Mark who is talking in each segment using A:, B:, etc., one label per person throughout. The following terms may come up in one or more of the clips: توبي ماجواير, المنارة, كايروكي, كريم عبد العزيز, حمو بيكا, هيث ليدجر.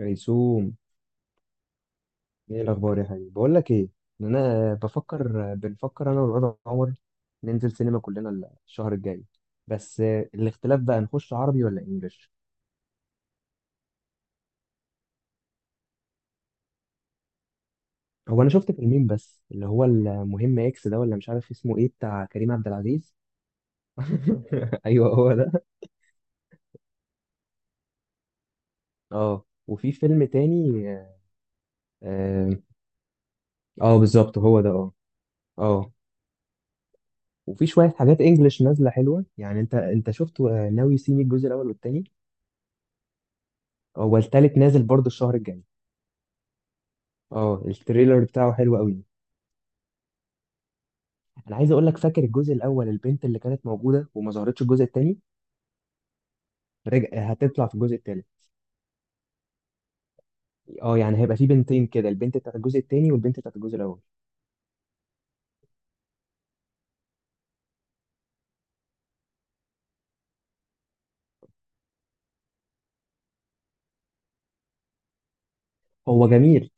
A: ريسوم، ايه الاخبار يا حبيبي؟ بقول لك ايه، ان انا بفكر، بنفكر انا والواد عمر ننزل سينما كلنا الشهر الجاي. بس الاختلاف بقى نخش عربي ولا انجليش؟ هو انا شفت فيلمين، بس اللي هو المهم اكس ده، ولا مش عارف اسمه ايه، بتاع كريم عبد العزيز. ايوه هو ده. اه، وفي فيلم تاني. اه, آه بالظبط هو ده. اه. اه وفي شويه حاجات انجليش نازله حلوه، يعني انت شفت ناوي سيمي الجزء الاول والتاني. هو التالت نازل برضه الشهر الجاي. اه، التريلر بتاعه حلو قوي. انا عايز اقول لك، فاكر الجزء الاول البنت اللي كانت موجوده وما ظهرتش الجزء الثاني؟ رجع هتطلع في الجزء الثالث. اه يعني هيبقى في بنتين كده، البنت بتاعت الجزء الثاني والبنت بتاعت الجزء الاول. هو جميل.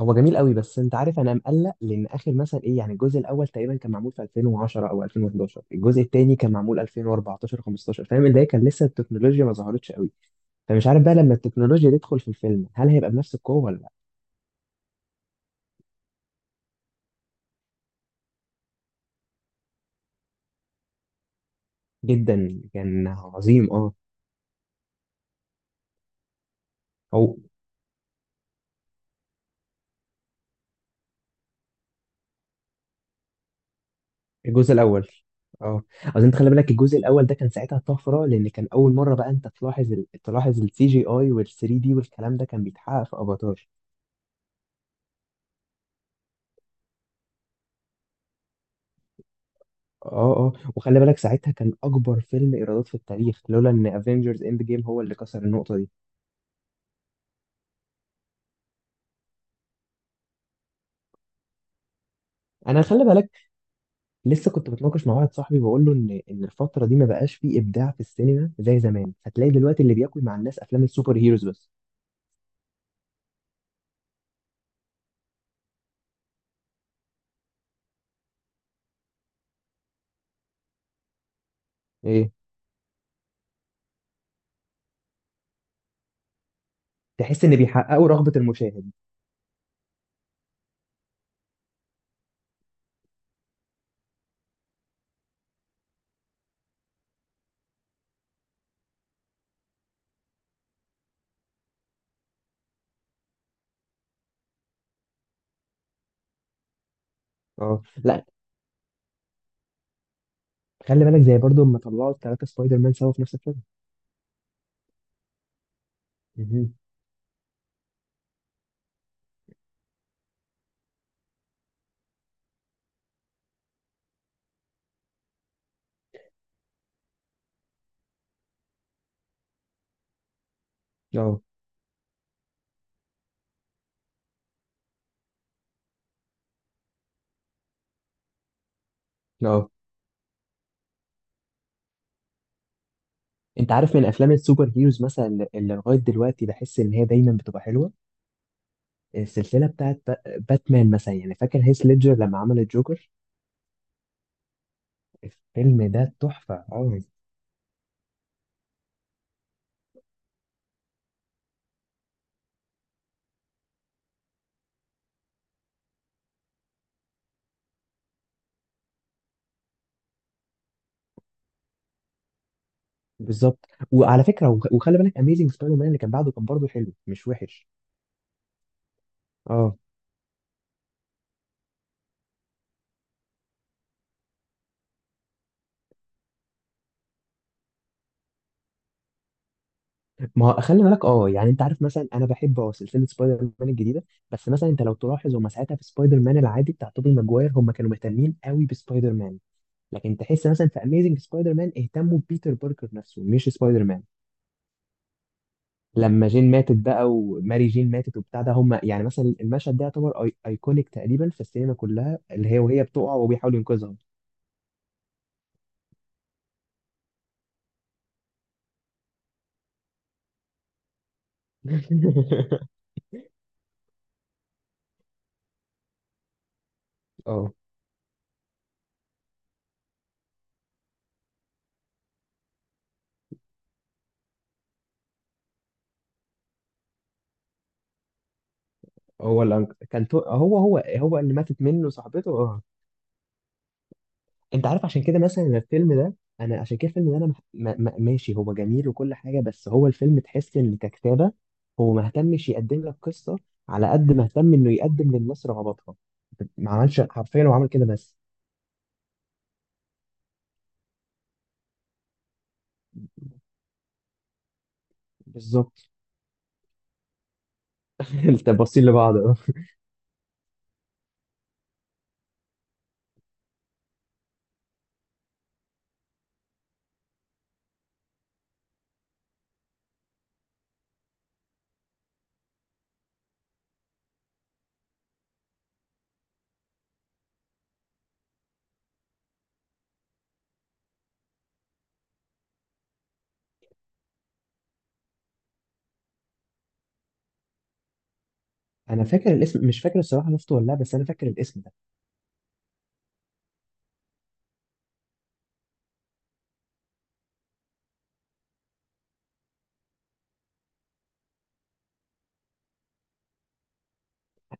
A: هو جميل قوي، بس انت عارف انا مقلق، لان اخر مثلا ايه، يعني الجزء الاول تقريبا كان معمول في 2010 او 2011، الجزء الثاني كان معمول 2014 15، فاهم؟ اللي هي كان لسه التكنولوجيا ما ظهرتش قوي. فمش عارف بقى لما التكنولوجيا تدخل في الفيلم هل هيبقى بنفس القوه ولا لا. جدا كان عظيم اه. هو الجزء الاول، اه اصل انت خلي بالك الجزء الاول ده كان ساعتها طفره، لان كان اول مره بقى انت تلاحظ تلاحظ السي جي اي وال 3D دي والكلام ده كان بيتحقق في افاتار. اه. اه وخلي بالك ساعتها كان اكبر فيلم ايرادات في التاريخ، لولا ان افنجرز اند جيم هو اللي كسر النقطه دي. انا خلي بالك لسه كنت بتناقش مع واحد صاحبي بقول له ان الفتره دي ما بقاش فيه ابداع في السينما زي زمان. هتلاقي دلوقتي اللي بياكل مع الناس افلام السوبر هيروز بس. ايه، تحس ان بيحققوا رغبه المشاهد. اه لا، خلي بالك زي برضو لما طلعوا الثلاثة سبايدر مان سوا في نفس الفيلم. مهم. اه. اه انت عارف، من افلام السوبر هيروز مثلا اللي لغايه دلوقتي بحس ان هي دايما بتبقى حلوه، السلسله بتاعت باتمان مثلا، يعني فاكر هيث ليدجر لما عمل الجوكر؟ الفيلم ده تحفه اه. بالظبط، وعلى فكره وخلي بالك اميزنج سبايدر مان اللي كان بعده كان برضه حلو، مش وحش. اه. ما هو خلي بالك اه، يعني انت عارف مثلا انا بحب اه سلسله سبايدر مان الجديده، بس مثلا انت لو تلاحظ هم ساعتها في سبايدر مان العادي بتاع توبي ماجواير هم كانوا مهتمين قوي بسبايدر مان. لكن تحس مثلا في اميزنج سبايدر مان اهتموا ببيتر باركر نفسه مش سبايدر مان. لما جين ماتت بقى وماري جين ماتت وبتاع ده، هم يعني مثلا المشهد ده يعتبر ايكونيك تقريبا في السينما كلها، اللي هي وهي بتقع وبيحاول ينقذها. اه. هو اللي هو هو اللي ماتت منه صاحبته، اه. انت عارف عشان كده مثلا أنا الفيلم ده، انا عشان كده الفيلم ده انا ماشي، هو جميل وكل حاجه، بس هو الفيلم تحس ان ككتابه هو ما اهتمش يقدم لك قصه على قد ما اهتم انه يقدم للناس رغباتها. ما عملش حرفيا، هو عمل كده بس. بالظبط. انت باصين لبعض اه. انا فاكر الاسم، مش فاكر الصراحه شفته ولا لا، بس انا فاكر الاسم ده.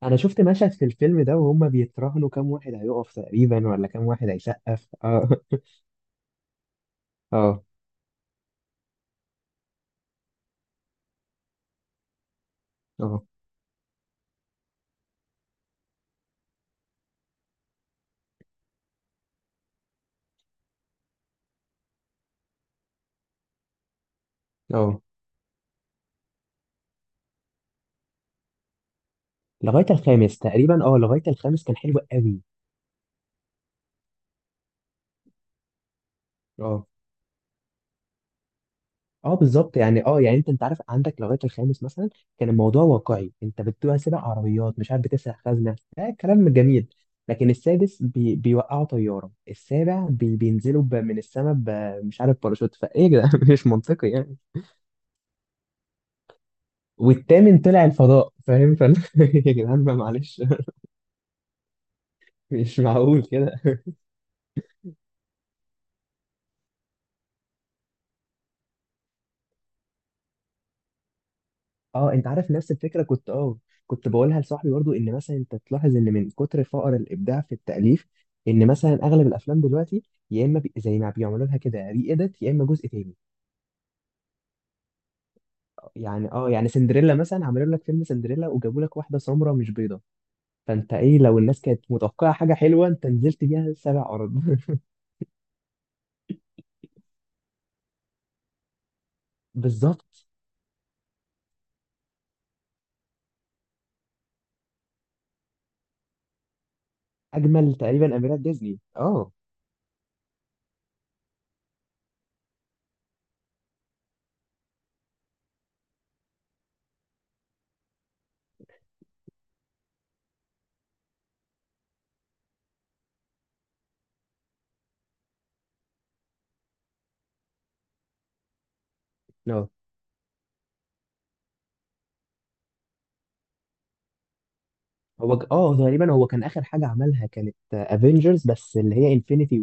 A: انا شفت مشهد في الفيلم ده وهم بيتراهنوا كام واحد هيقف تقريبا ولا كام واحد هيسقف. اه. اه. اه. اه لغايه الخامس تقريبا، اه لغايه الخامس كان حلو قوي. اه. اه بالظبط، يعني اه يعني انت عارف، عندك لغايه الخامس مثلا كان الموضوع واقعي، انت بتبقى سابق عربيات، مش عارف بتسرق خزنه، ده كلام جميل. لكن السادس بيوقعوا طياره، السابع بينزلوا من السماء مش عارف باراشوت فايه يا جدعان، مش منطقي يعني. والثامن طلع الفضاء فاهم يا جدعان بقى معلش. مش معقول كده. اه انت عارف نفس الفكره، كنت اه كنت بقولها لصاحبي برضو، ان مثلا انت تلاحظ ان من كتر فقر الابداع في التاليف ان مثلا اغلب الافلام دلوقتي يا اما زي ما بيعملوا لها كده ري اديت، يا اما جزء تاني. يعني اه، يعني سندريلا مثلا عملوا لك فيلم سندريلا وجابوا لك واحده سمراء مش بيضه. فانت ايه، لو الناس كانت متوقعه حاجه حلوه انت نزلت بيها سبع ارض. بالظبط. اجمل تقريبا اميرات ديزني اه. اه. هو اه تقريبا هو كان اخر حاجه عملها كانت افنجرز، بس اللي هي انفينيتي.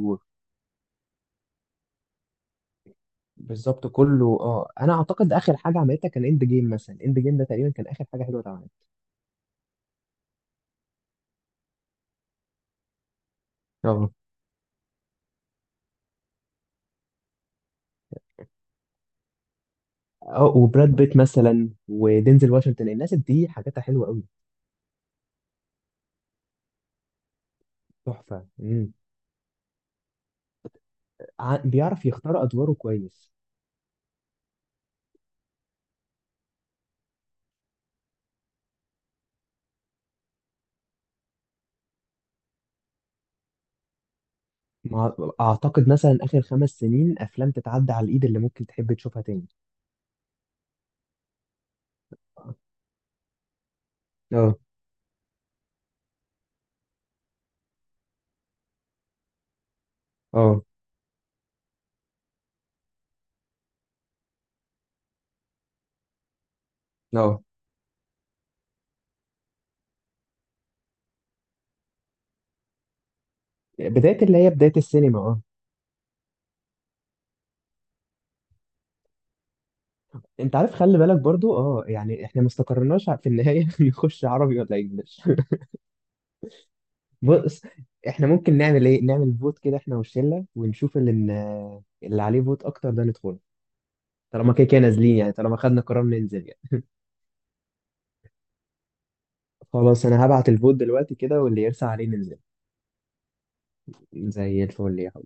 A: بالظبط. كله اه انا اعتقد اخر حاجه عملتها كان اند جيم مثلا، اند جيم ده تقريبا كان اخر حاجه حلوه اتعملت. اه. اه وبراد بيت مثلا ودينزل واشنطن، الناس دي حاجاتها حلوه قوي. تحفه. امم. بيعرف يختار ادواره كويس. ما اعتقد مثلا اخر 5 سنين افلام تتعدى على الايد اللي ممكن تحب تشوفها تاني. اه. اه. اه بدايه، اللي هي بدايه السينما اه. انت عارف خلي بالك برضو اه، يعني احنا ما استقرناش في النهايه، نخش عربي ولا انجلش. بص، احنا ممكن نعمل ايه، نعمل فوت كده احنا والشله ونشوف اللي عليه فوت اكتر ده ندخله. طالما كده كده نازلين يعني، طالما خدنا قرار ننزل يعني. خلاص، انا هبعت الفوت دلوقتي كده، واللي يرسى عليه ننزل. زي الفل يا حب.